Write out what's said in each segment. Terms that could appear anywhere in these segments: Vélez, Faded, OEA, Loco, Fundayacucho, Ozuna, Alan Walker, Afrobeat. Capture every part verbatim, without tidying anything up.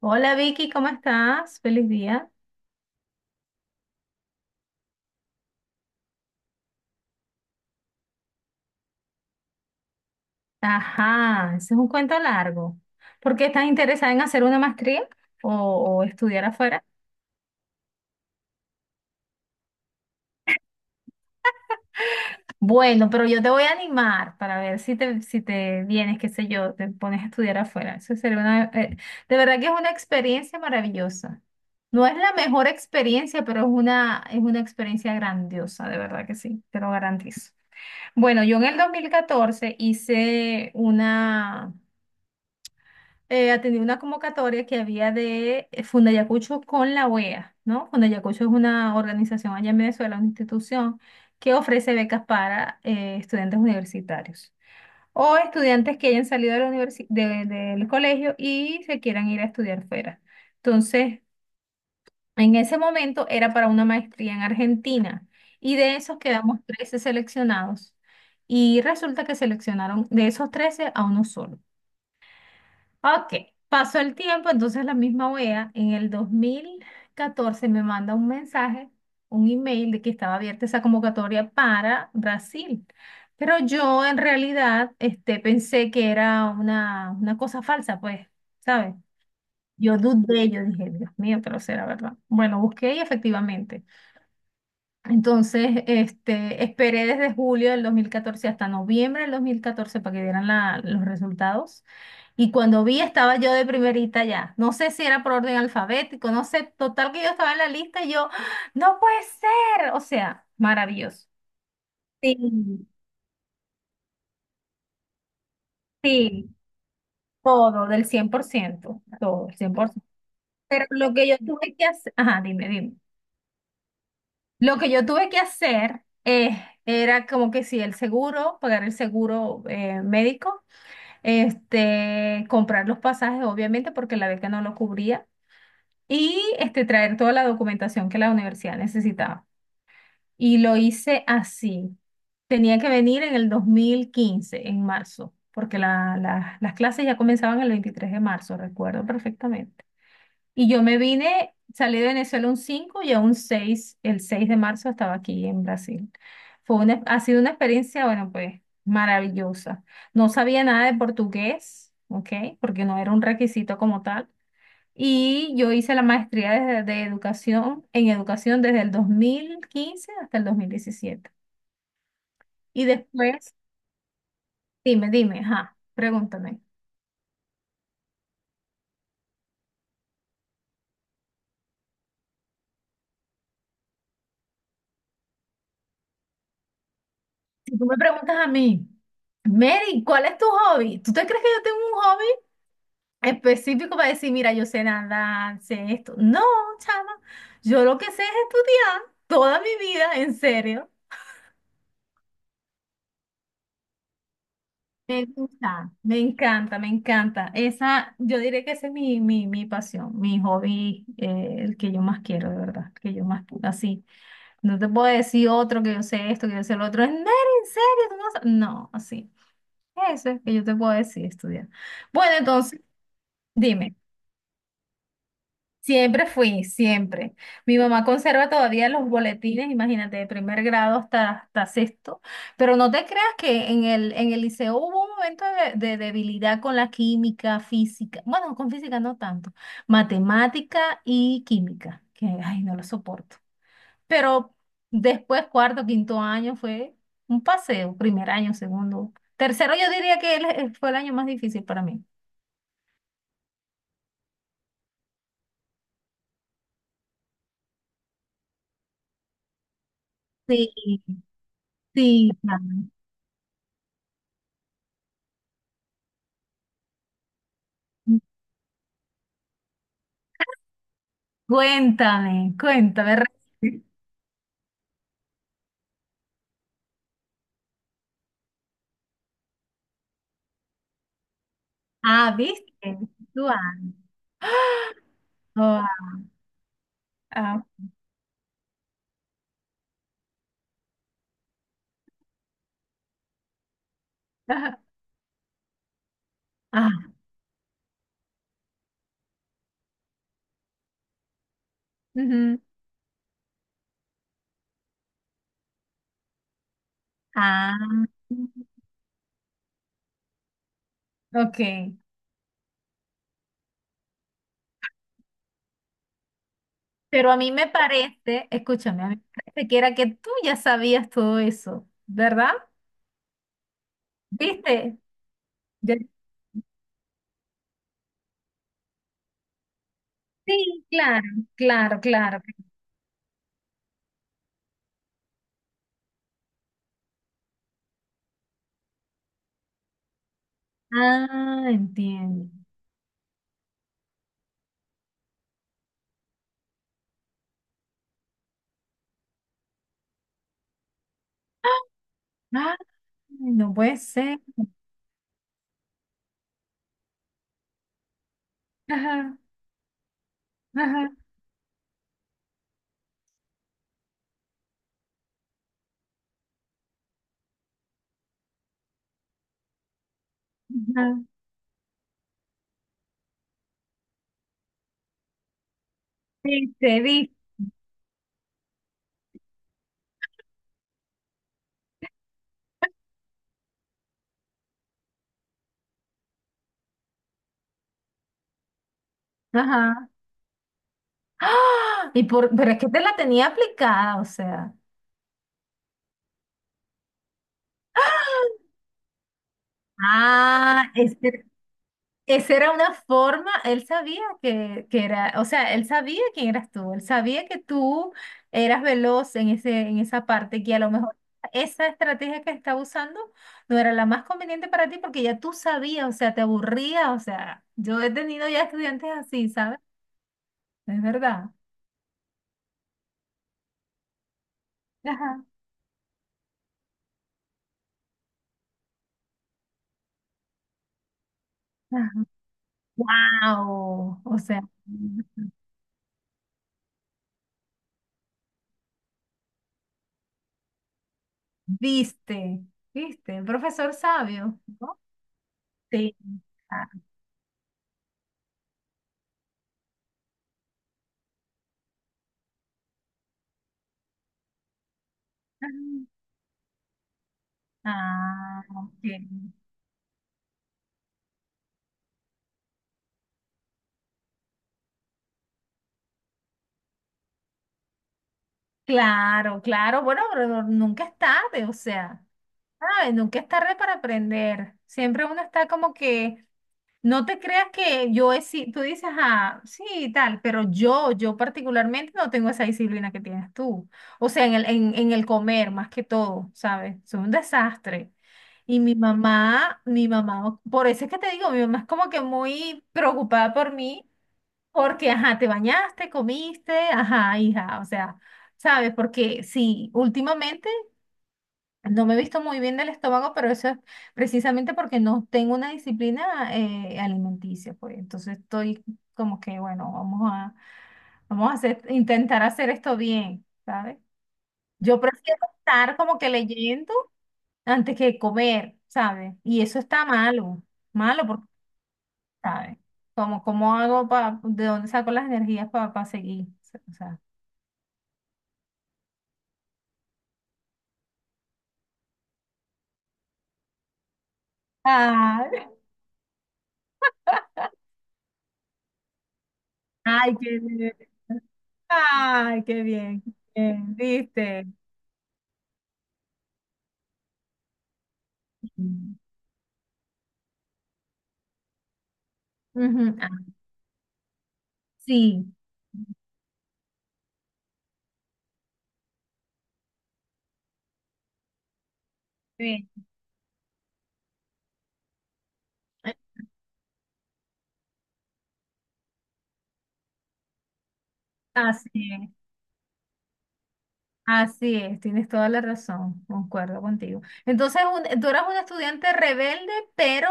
Hola Vicky, ¿cómo estás? Feliz día. Ajá, ese es un cuento largo. ¿Por qué estás interesada en hacer una maestría o, o estudiar afuera? Bueno, pero yo te voy a animar para ver si te, si te vienes, qué sé yo, te pones a estudiar afuera. Eso sería una, eh, de verdad que es una experiencia maravillosa. No es la mejor experiencia, pero es una, es una experiencia grandiosa, de verdad que sí, te lo garantizo. Bueno, yo en el dos mil catorce hice una... eh, atendí una convocatoria que había de eh, Fundayacucho con la O E A, ¿no? Fundayacucho es una organización allá en Venezuela, una institución que ofrece becas para eh, estudiantes universitarios o estudiantes que hayan salido de la universi- de- del colegio y se quieran ir a estudiar fuera. Entonces, en ese momento era para una maestría en Argentina y de esos quedamos trece seleccionados y resulta que seleccionaron de esos trece a uno solo. Ok, pasó el tiempo, entonces la misma O E A en el dos mil catorce me manda un mensaje, un email de que estaba abierta esa convocatoria para Brasil. Pero yo en realidad este, pensé que era una, una cosa falsa, pues, ¿sabes? Yo dudé, yo dije, Dios mío, pero será verdad. Bueno, busqué y efectivamente. Entonces, este, esperé desde julio del dos mil catorce hasta noviembre del dos mil catorce para que dieran la- los resultados. Y cuando vi, estaba yo de primerita ya. No sé si era por orden alfabético, no sé. Total que yo estaba en la lista y yo, ¡Ah! No puede ser. O sea, maravilloso. Sí, sí, todo, del cien por ciento todo, el cien por ciento. Pero lo que yo tuve que hacer, ajá, dime, dime. Lo que yo tuve que hacer eh, era como que sí, el seguro, pagar el seguro eh, médico. Este, comprar los pasajes, obviamente, porque la beca no lo cubría, y este, traer toda la documentación que la universidad necesitaba. Y lo hice así. Tenía que venir en el dos mil quince, en marzo, porque la- la- las clases ya comenzaban el veintitrés de marzo, recuerdo perfectamente. Y yo me vine, salí de Venezuela un cinco y a un seis el seis de marzo estaba aquí en Brasil. Fue una, ha sido una experiencia, bueno, pues maravillosa. No sabía nada de portugués, ¿ok? Porque no era un requisito como tal. Y yo hice la maestría de, de educación, en educación desde el dos mil quince hasta el dos mil diecisiete. Y después, dime, dime, ajá, pregúntame. Si tú me preguntas a mí, Mary, ¿cuál es tu hobby? ¿Tú te crees que yo tengo un hobby específico para decir, mira, yo sé nadar, sé esto? No, chama, yo lo que sé es estudiar toda mi vida, en serio. Me gusta, me encanta, me encanta. Esa, yo diré que esa es mi, mi, mi pasión, mi hobby, eh, el que yo más quiero, de verdad, el que yo más, así. No te puedo decir otro que yo sé esto, que yo sé lo otro. En en serio, tú no sabes. No, así. Eso es que yo te puedo decir, estudiar. Bueno, entonces, dime. Siempre fui, siempre. Mi mamá conserva todavía los boletines, imagínate, de primer grado hasta, hasta sexto. Pero no te creas que en el, en el liceo hubo un momento de, de debilidad con la química, física. Bueno, con física no tanto. Matemática y química, que ay, no lo soporto. Pero después, cuarto, quinto año fue un paseo. Primer año, segundo. Tercero, yo diría que el- fue el año más difícil para mí. Sí, sí, claro. Cuéntame, cuéntame. re- Ah, ¿viste? Tú, ah, oh, ah, ah, ah, ujú, ah, ok. Pero a mí me parece, escúchame, a mí me parece que era que tú ya sabías todo eso, ¿verdad? ¿Viste? Ya- Sí, claro, claro, claro. Ah, entiendo. Ah, no puede ser. Ajá, ajá, ajá. Viste, viste. Ajá. ¡Ah! Y por, pero es que te la tenía aplicada, o sea. Ah, ese- esa era una forma, él sabía que, que era, o sea, él sabía quién eras tú, él sabía que tú eras veloz en ese, en esa parte, que a lo mejor esa estrategia que estaba usando no era la más conveniente para ti porque ya tú sabías, o sea, te aburría, o sea, yo he tenido ya estudiantes así, ¿sabes? Es verdad. Ajá. Wow, o sea. Viste, viste, el profesor sabio, ¿no? Sí. Ah, ah, ah, ok. Claro, claro, bueno, pero nunca es tarde, o sea, ay, nunca es tarde para aprender. Siempre uno está como que, no te creas que yo es, si tú dices, ah, sí, y tal, pero yo, yo particularmente no tengo esa disciplina que tienes tú. O sea, en el, en, en el comer más que todo, ¿sabes? Es un desastre. Y mi mamá, mi mamá, por eso es que te digo, mi mamá es como que muy preocupada por mí porque, ajá, te bañaste, comiste, ajá, hija, o sea, ¿sabes? Porque sí, últimamente no me he visto muy bien del estómago, pero eso es precisamente porque no tengo una disciplina eh, alimenticia, pues. Entonces estoy como que, bueno, vamos a, vamos a hacer, intentar hacer esto bien, ¿sabes? Yo prefiero estar como que leyendo antes que comer, ¿sabes? Y eso está malo, malo porque, ¿sabes? Como, ¿cómo hago para, de dónde saco las energías para seguir? O sea. Ay, ay, qué bien. Ay, qué bien. Bien, ¿viste? Mm. Ujú, ah, sí. Bien. Así Así es, tienes toda la razón, concuerdo contigo. Entonces, un- tú eras un estudiante rebelde, pero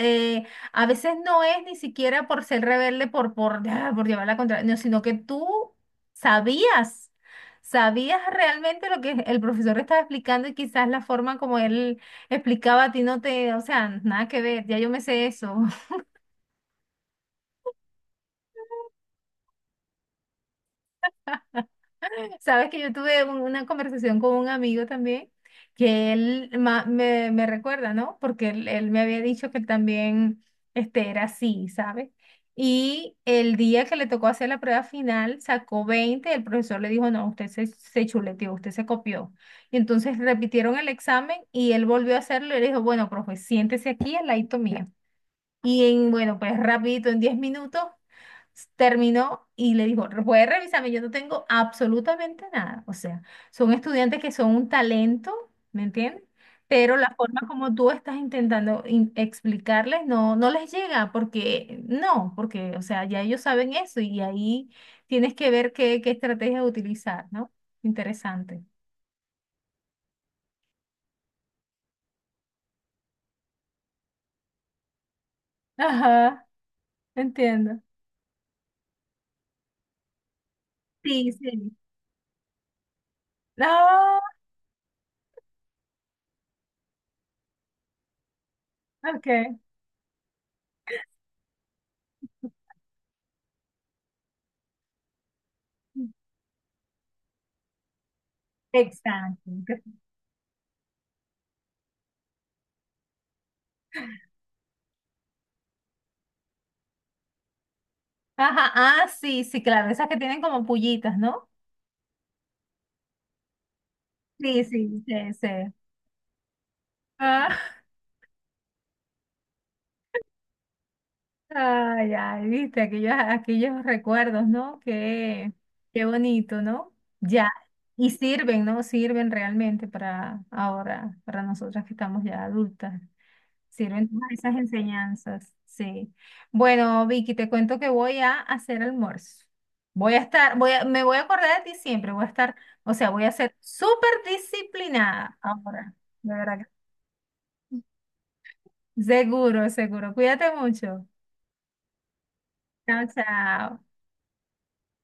eh, a veces no es ni siquiera por ser rebelde, por, por, ah, por llevar la contraria, no, sino que tú sabías, sabías realmente lo que el profesor estaba explicando y quizás la forma como él explicaba a ti no te, o sea, nada que ver, ya yo me sé eso. Sabes que yo tuve un- una conversación con un amigo también, que él ma- me, me recuerda, ¿no? Porque él, él me había dicho que él también este, era así, ¿sabes? Y el día que le tocó hacer la prueba final, sacó veinte. El profesor le dijo, no, usted se, se chuleteó, usted se copió. Y entonces repitieron el examen y él volvió a hacerlo y le dijo, bueno, profe, siéntese aquí al ladito mío. Y en, bueno, pues rapidito, en diez minutos terminó y le dijo, puede revisarme, yo no tengo absolutamente nada. O sea, son estudiantes que son un talento, ¿me entiendes? Pero la forma como tú estás intentando in- explicarles no, no les llega porque no, porque, o sea, ya ellos saben eso y ahí tienes que ver qué, qué estrategia utilizar, ¿no? Interesante. Ajá, entiendo. Sí, sí. No, ok. Exacto. Ajá, ah, sí, sí, claro, esas que tienen como pullitas, ¿no? Sí, sí, sí, sí. Ah, ay, ay, viste, aquellos, aquellos recuerdos, ¿no? Qué, qué bonito, ¿no? Ya, y sirven, ¿no? Sirven realmente para ahora, para nosotras que estamos ya adultas. Sirven todas esas enseñanzas, sí. Bueno, Vicky, te cuento que voy a hacer almuerzo. Voy a estar, voy a- me voy a acordar de ti siempre, voy a estar, o sea, voy a ser súper disciplinada ahora, de verdad. que- Seguro, seguro. Cuídate mucho. Chao, chao.